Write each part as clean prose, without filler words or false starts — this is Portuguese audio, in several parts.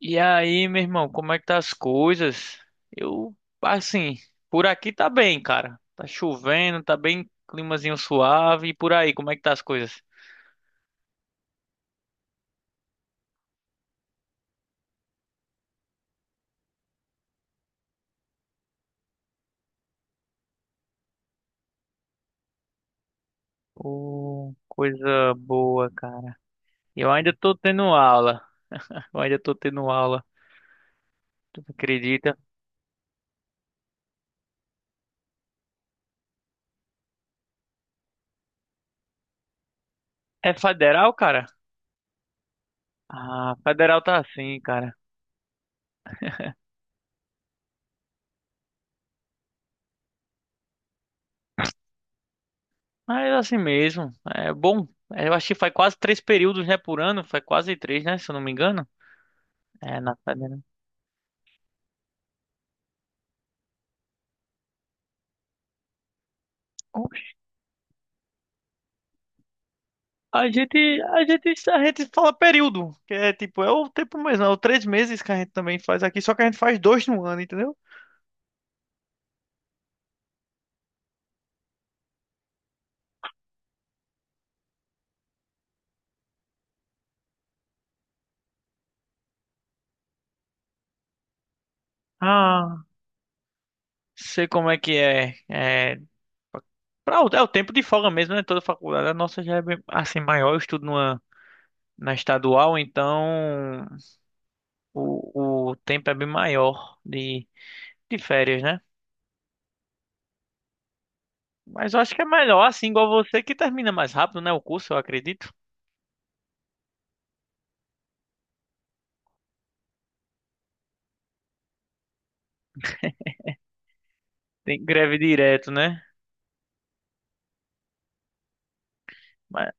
E aí, meu irmão, como é que tá as coisas? Eu, assim, por aqui tá bem, cara. Tá chovendo, tá bem climazinho suave. E por aí, como é que tá as coisas? Ô, coisa boa, cara. Eu ainda tô tendo aula. Eu ainda tô tendo aula. Tu acredita? É federal, cara? Ah, federal tá assim, cara. Mas é assim mesmo. É bom. Eu acho que faz quase três períodos, né, por ano. Faz quase três, né, se eu não me engano. É, na federal. A gente fala período, que é tipo, é o tempo mesmo, é o três meses que a gente também faz aqui, só que a gente faz dois no ano, entendeu? Ah, sei como é que é. É, pra, é o tempo de folga mesmo, né? Toda faculdade. A nossa já é bem, assim, maior, eu estudo numa, na estadual, então o tempo é bem maior de férias, né? Mas eu acho que é melhor, assim, igual você, que termina mais rápido, né? O curso, eu acredito. Tem greve direto, né? Mas-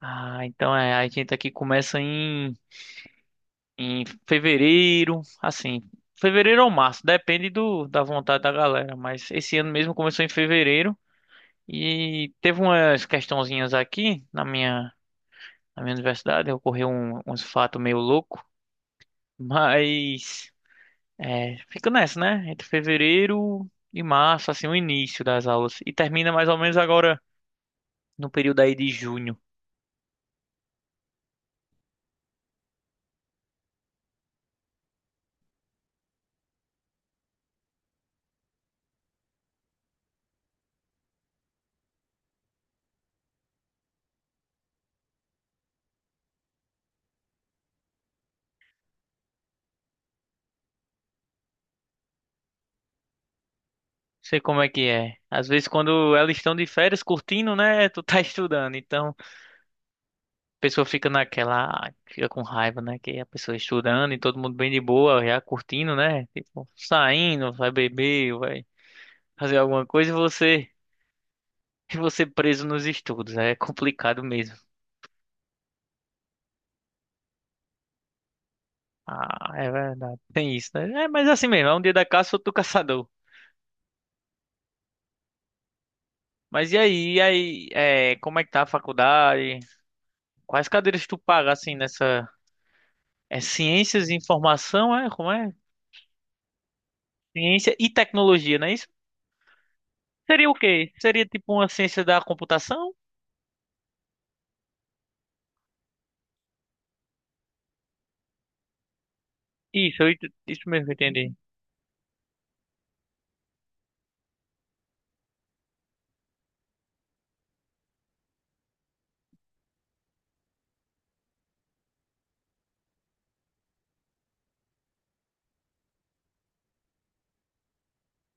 Ah, então é, a gente aqui começa em fevereiro, assim, fevereiro ou março, depende do, da vontade da galera, mas esse ano mesmo começou em fevereiro e teve umas questãozinhas aqui na minha universidade, ocorreu uns fatos meio louco, mas é, fica nessa, né? Entre fevereiro e março, assim, o início das aulas e termina mais ou menos agora no período aí de junho. Não. Sei como é que é. Às vezes quando elas estão de férias curtindo, né? Tu tá estudando, então pessoa fica naquela, fica com raiva, né? Que a pessoa estudando e todo mundo bem de boa, já curtindo, né? Tipo, saindo, vai beber, vai fazer alguma coisa e você preso nos estudos. É complicado mesmo. Ah, é verdade. Tem isso, né? É, mas assim mesmo, é um dia da caça, outro do caçador. Mas e aí, é, como é que tá a faculdade? Quais cadeiras tu paga, assim, nessa... É ciências e informação, é? Como é? Ciência e tecnologia, não é isso? Seria o quê? Seria tipo uma ciência da computação? Isso, isso mesmo que eu entendi.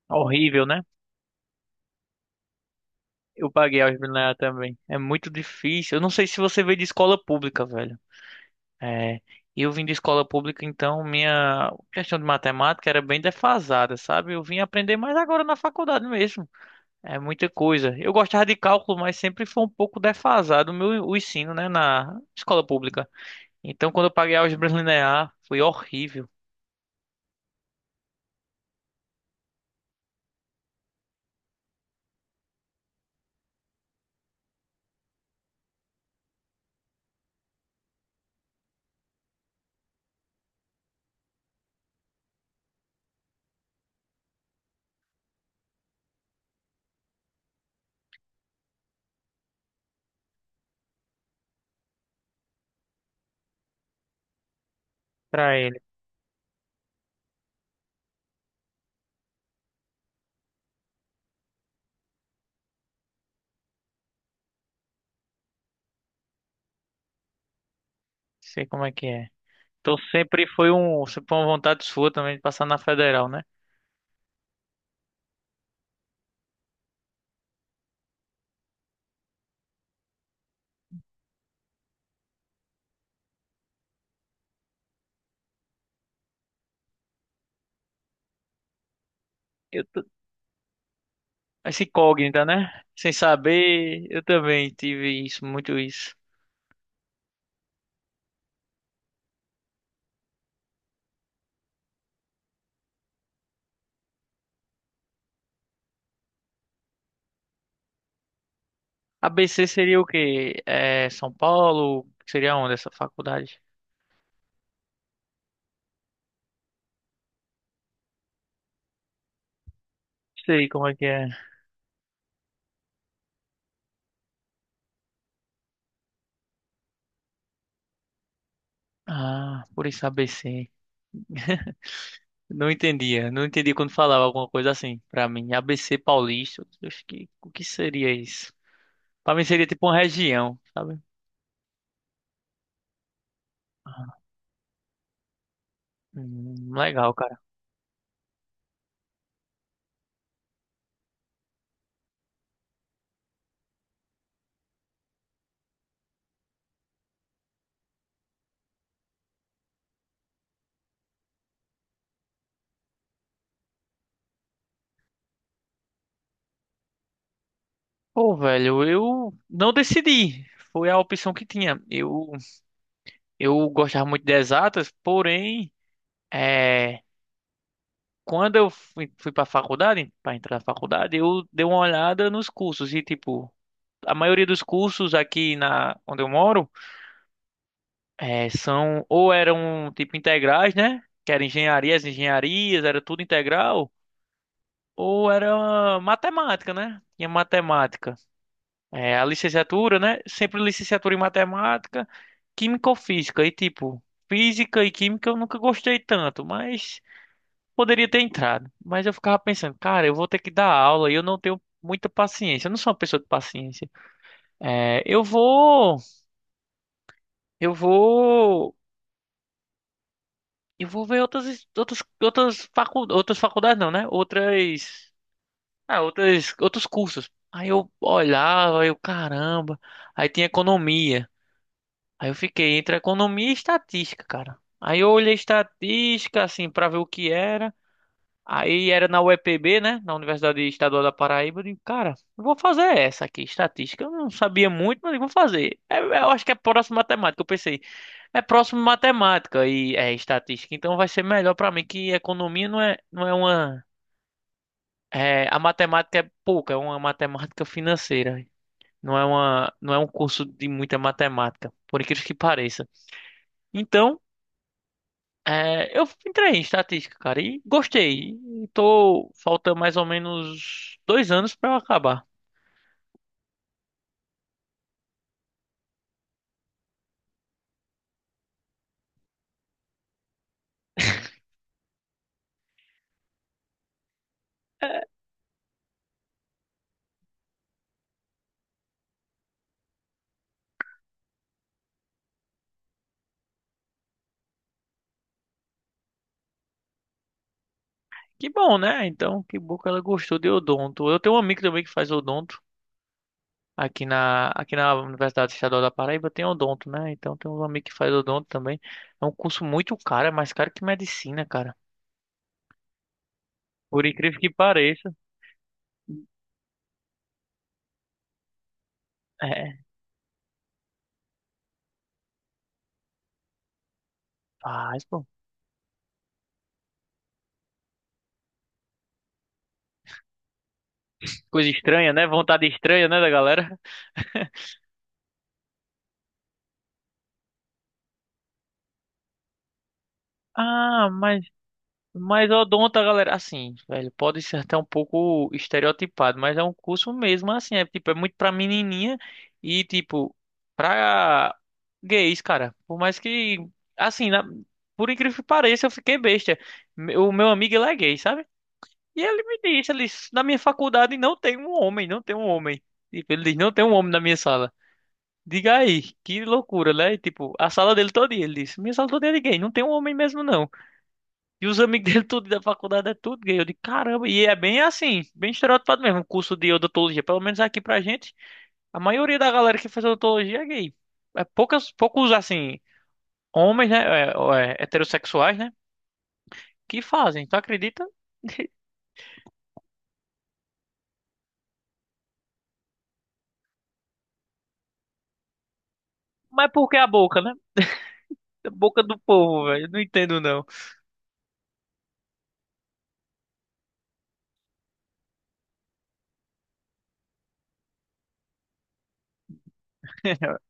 Horrível, né? Eu paguei álgebra linear também. É muito difícil. Eu não sei se você veio de escola pública, velho. É, eu vim de escola pública, então minha questão de matemática era bem defasada, sabe? Eu vim aprender mais agora na faculdade mesmo. É muita coisa. Eu gostava de cálculo, mas sempre foi um pouco defasado o meu o ensino, né, na escola pública. Então, quando eu paguei álgebra linear, foi horrível pra ele. Sei como é que é. Então sempre foi um, sempre foi uma vontade sua também de passar na federal, né? Eu, t- Essa incógnita, né? Sem saber, eu também tive isso, muito isso. ABC seria o quê? É, São Paulo? Seria onde essa faculdade? Sei como é que é. Ah, por isso ABC. Não entendia, não entendi quando falava alguma coisa assim pra mim. ABC Paulista, eu acho que o que seria isso? Pra mim seria tipo uma região, sabe? Ah, hum, legal, cara. Pô, velho, eu não decidi. Foi a opção que tinha. Eu gostava muito de exatas, porém, é, quando eu fui, fui para faculdade, para entrar na faculdade, eu dei uma olhada nos cursos e, tipo, a maioria dos cursos aqui na onde eu moro é, são ou eram, tipo, integrais, né? Que eram engenharias, engenharias, era tudo integral, ou era matemática, né? Tinha matemática. É, a licenciatura, né? Sempre licenciatura em matemática, química ou física. E tipo, física e química eu nunca gostei tanto, mas poderia ter entrado. Mas eu ficava pensando, cara, eu vou ter que dar aula e eu não tenho muita paciência. Eu não sou uma pessoa de paciência. É, eu vou, eu vou ver outras, outras, outras outras faculdades não, né? Outras, ah, outras, outros cursos. Aí eu olhava, eu, caramba, aí tinha economia. Aí eu fiquei entre economia e estatística, cara. Aí eu olhei estatística, assim, pra ver o que era. Aí era na UEPB, né? Na Universidade Estadual da Paraíba. Eu digo, cara, eu vou fazer essa aqui, estatística. Eu não sabia muito, mas eu vou fazer. É, eu acho que é próximo matemática. Eu pensei, é próximo matemática e é estatística. Então vai ser melhor pra mim, que economia não é, não é uma. É, a matemática é pouca, é uma matemática financeira. Não é um curso de muita matemática, por incrível que pareça. Então. É, eu entrei em estatística, cara, e gostei. E tô, falta mais ou menos dois anos pra eu acabar. Que bom, né? Então, que bom que ela gostou de odonto. Eu tenho um amigo também que faz odonto aqui na Universidade Estadual da Paraíba, tem odonto, né? Então, tem um amigo que faz odonto também. É um curso muito caro, é mais caro que medicina, cara. Por incrível que pareça. É, faz, pô. Coisa estranha, né? Vontade estranha, né, da galera? Ah, mas odonto, a galera, assim, velho, pode ser até um pouco estereotipado, mas é um curso mesmo, assim, é tipo, é muito pra menininha e tipo, pra gays, cara. Por mais que, assim, por incrível que pareça, eu fiquei besta. O meu amigo, ele é gay, sabe? E ele me disse, ele disse, na minha faculdade não tem um homem, não tem um homem. Tipo, ele diz, não tem um homem na minha sala. Diga aí, que loucura, né? E, tipo, a sala dele todo dia, ele disse, minha sala toda é de gay, não tem um homem mesmo, não. E os amigos dele, tudo da faculdade, é tudo gay. Eu digo, caramba, e é bem assim, bem estereotipado mesmo, o curso de odontologia. Pelo menos aqui pra gente, a maioria da galera que faz odontologia é gay. É poucas, poucos, assim, homens, né, é, é, heterossexuais, né, que fazem, tu acredita? Mas por que a boca, né? É a boca do povo, velho, eu não entendo não.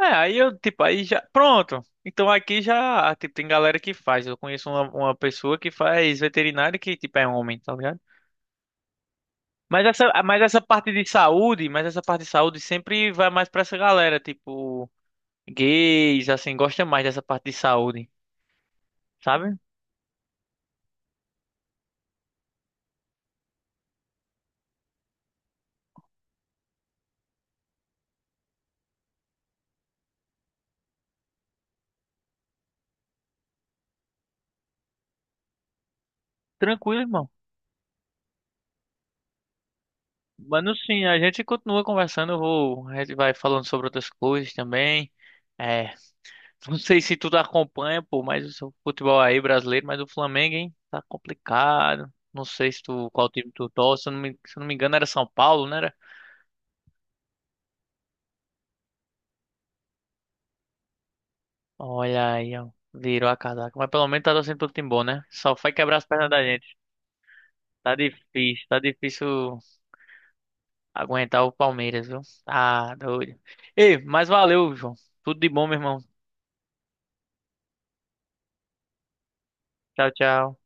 É, aí eu, tipo, aí já, pronto. Então aqui já, tipo, tem galera que faz. Eu conheço uma pessoa que faz veterinário que, tipo, é homem, tá ligado? Mas essa parte de saúde, mas essa parte de saúde sempre vai mais pra essa galera, tipo, gays, assim, gosta mais dessa parte de saúde, sabe? Tranquilo, irmão. Mano, sim, a gente continua conversando, eu vou, a gente vai falando sobre outras coisas também. É, não sei se tu tá acompanha, pô, mas o futebol aí brasileiro, mas o Flamengo, hein, tá complicado. Não sei se tu, qual time tu torce, se eu não me engano era São Paulo, né? Olha aí, ó. Virou a casaca. Mas pelo menos tá torcendo pro time bom, né? Só foi quebrar as pernas da gente. Tá difícil aguentar o Palmeiras, viu? Tá doido. Ei, mas valeu, João. Tudo de bom, meu irmão. Tchau, tchau.